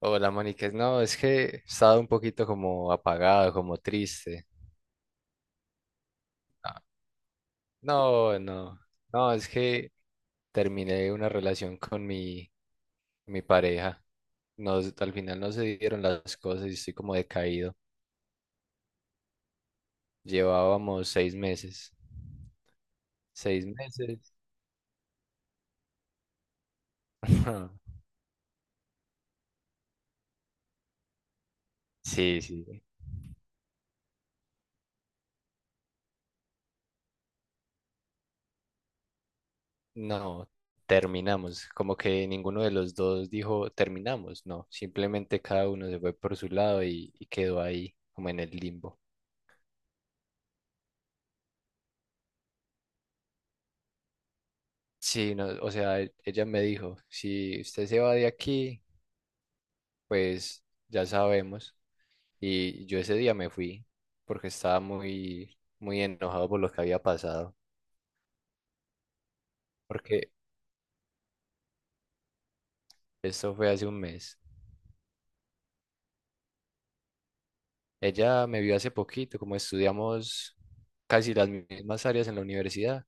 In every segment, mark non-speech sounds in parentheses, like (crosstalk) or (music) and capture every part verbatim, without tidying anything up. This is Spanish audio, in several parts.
Hola, Mónica. No, es que he estado un poquito como apagado, como triste. No, no, no. No, es que terminé una relación con mi, mi pareja. Nos, al final no se dieron las cosas y estoy como decaído. Llevábamos seis meses. ¿Seis meses? (laughs) Sí, sí. No, terminamos. Como que ninguno de los dos dijo terminamos. No, simplemente cada uno se fue por su lado y, y quedó ahí, como en el limbo. Sí, no, o sea, e- ella me dijo, si usted se va de aquí, pues ya sabemos. Y yo ese día me fui porque estaba muy, muy enojado por lo que había pasado, porque esto fue hace un mes. Ella me vio hace poquito, como estudiamos casi las mismas áreas en la universidad.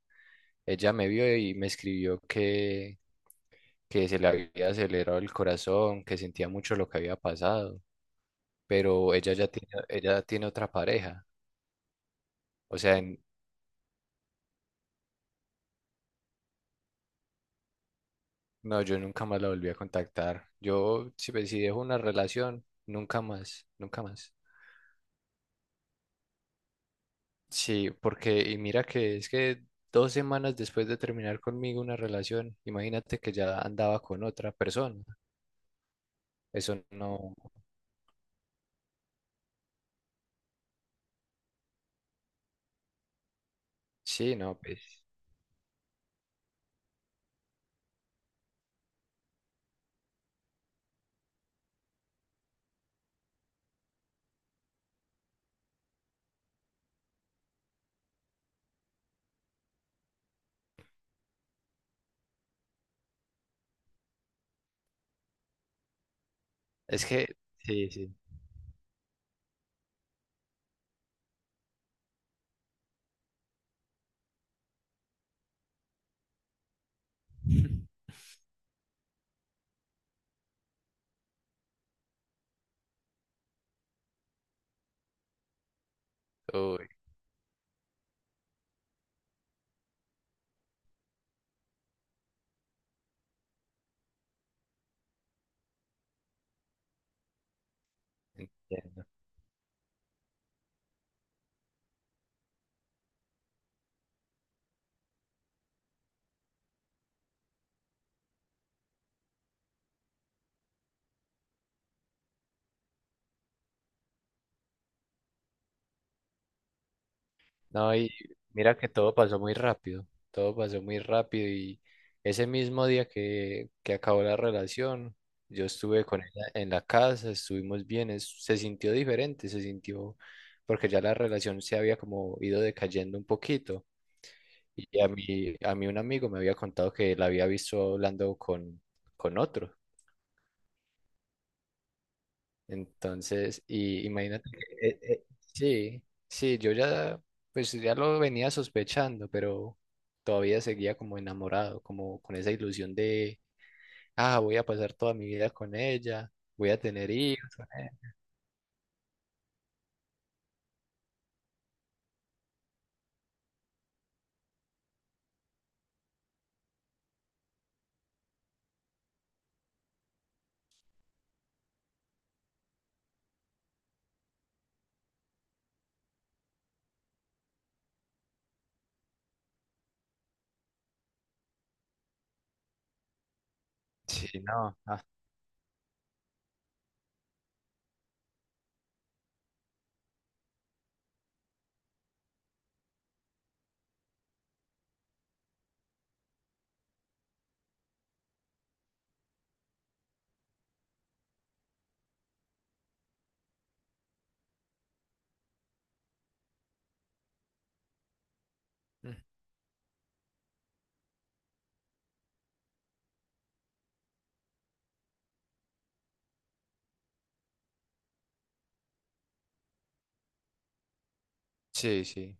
Ella me vio y me escribió que, que se le había acelerado el corazón, que sentía mucho lo que había pasado, pero ella ya tiene, ella tiene otra pareja. O sea, en- No, yo nunca más la volví a contactar. Yo, si, pues, si dejo una relación, nunca más, nunca más. Sí, porque, y mira que es que dos semanas después de terminar conmigo una relación, imagínate que ya andaba con otra persona. Eso no, sí, no, pues, es que, sí, sí, uy, entiendo. No, y mira que todo pasó muy rápido, todo pasó muy rápido y ese mismo día que, que acabó la relación, yo estuve con ella en la casa, estuvimos bien, es- se sintió diferente, se sintió porque ya la relación se había como ido decayendo un poquito y a mí, a mí un amigo me había contado que la había visto hablando con, con otro. Entonces, y imagínate que, eh, eh, sí, sí, yo ya, pues ya lo venía sospechando, pero todavía seguía como enamorado, como con esa ilusión de, ah, voy a pasar toda mi vida con ella, voy a tener hijos con ella. Sí, no, ah, mm, sí, sí,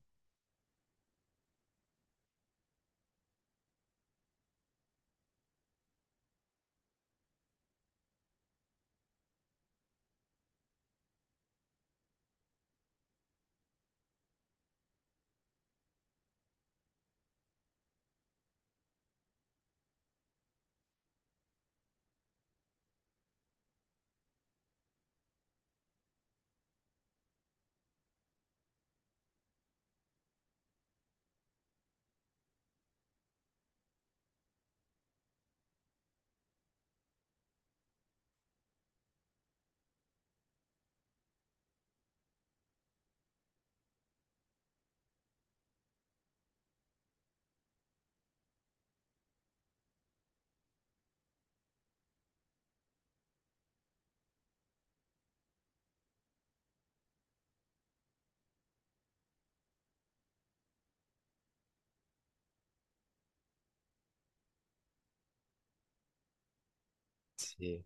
sí.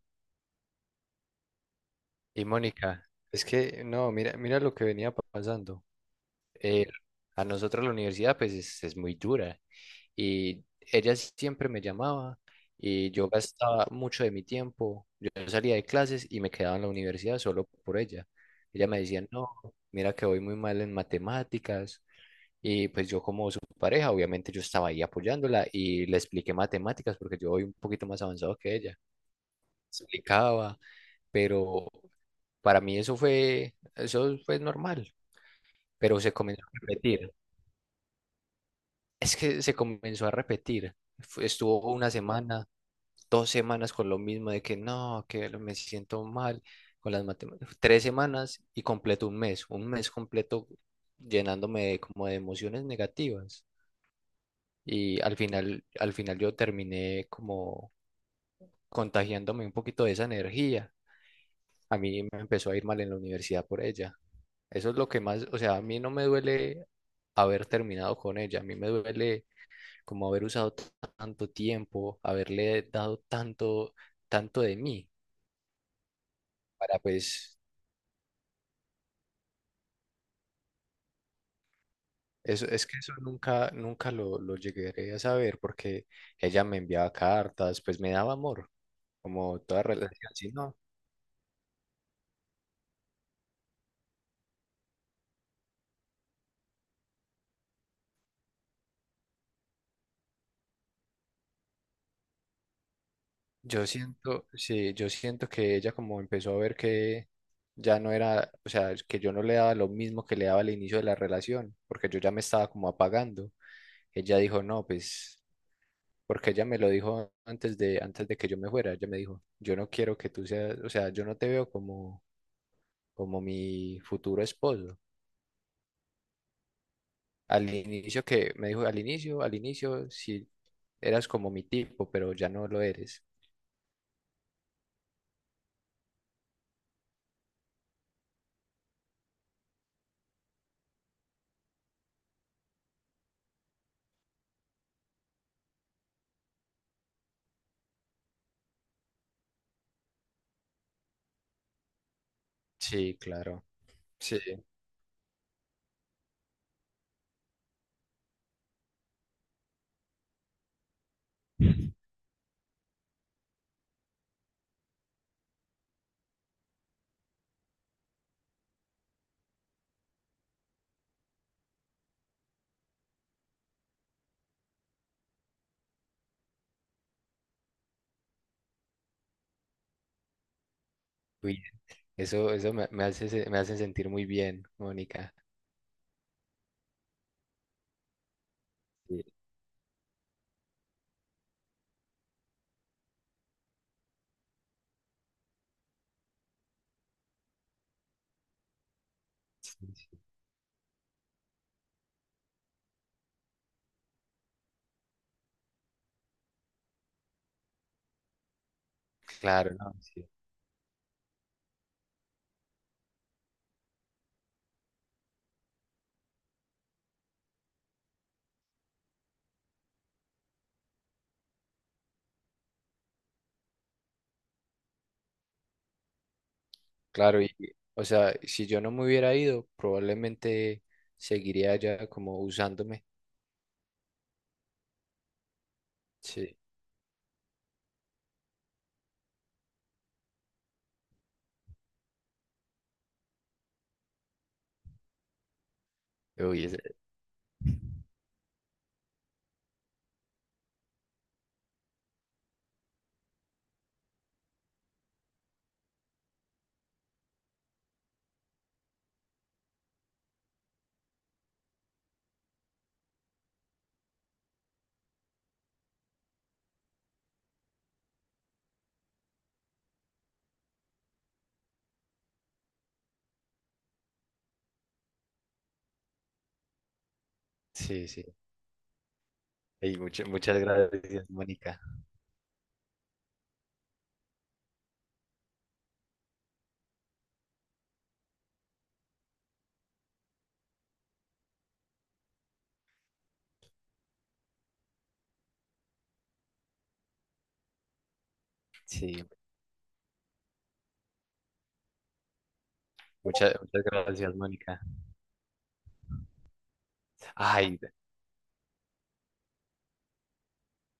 Y Mónica, es que, no, mira, mira lo que venía pa- pasando. Eh, a nosotros la universidad, pues es, es muy dura. Y ella siempre me llamaba y yo gastaba mucho de mi tiempo. Yo salía de clases y me quedaba en la universidad solo por ella. Ella me decía, no, mira que voy muy mal en matemáticas. Y pues yo como su pareja, obviamente yo estaba ahí apoyándola y le expliqué matemáticas porque yo voy un poquito más avanzado que ella. Explicaba, pero para mí eso fue, eso fue normal, pero se comenzó a repetir. Es que se comenzó a repetir. Fu- Estuvo una semana, dos semanas con lo mismo de que no, que lo- me siento mal con las matemáticas. Tres semanas y completo un mes, un mes completo llenándome de, como de emociones negativas. Y al final, al final yo terminé como contagiándome un poquito de esa energía. A mí me empezó a ir mal en la universidad por ella. Eso es lo que más, o sea, a mí no me duele haber terminado con ella, a mí me duele como haber usado t- tanto tiempo, haberle dado tanto, tanto de mí, para pues, eso, es que eso nunca, nunca lo, lo llegué a saber porque ella me enviaba cartas, pues me daba amor, como toda relación, si no, yo siento, sí, yo siento que ella como empezó a ver que ya no era, o sea, que yo no le daba lo mismo que le daba al inicio de la relación, porque yo ya me estaba como apagando. Ella dijo, no, pues. Porque ella me lo dijo antes de, antes de que yo me fuera. Ella me dijo, yo no quiero que tú seas, o sea, yo no te veo como, como mi futuro esposo. Al inicio que me dijo, al inicio, al inicio, sí, eras como mi tipo, pero ya no lo eres. Sí, claro. Sí. Uy, eso, eso me, me hace, se- me hace sentir muy bien, Mónica. Sí, claro, no, claro. Y, y, o sea, si yo no me hubiera ido, probablemente seguiría ya como usándome. Sí. Uy, ese- sí, sí. Ey, mucha- muchas gracias, Mónica. Sí, muchas, muchas gracias, Mónica. Ay,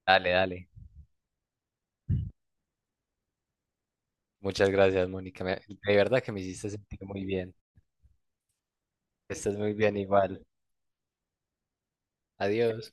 dale, dale. Muchas gracias, Mónica. Me- de verdad que me hiciste sentir muy bien. Estás muy bien igual. Adiós.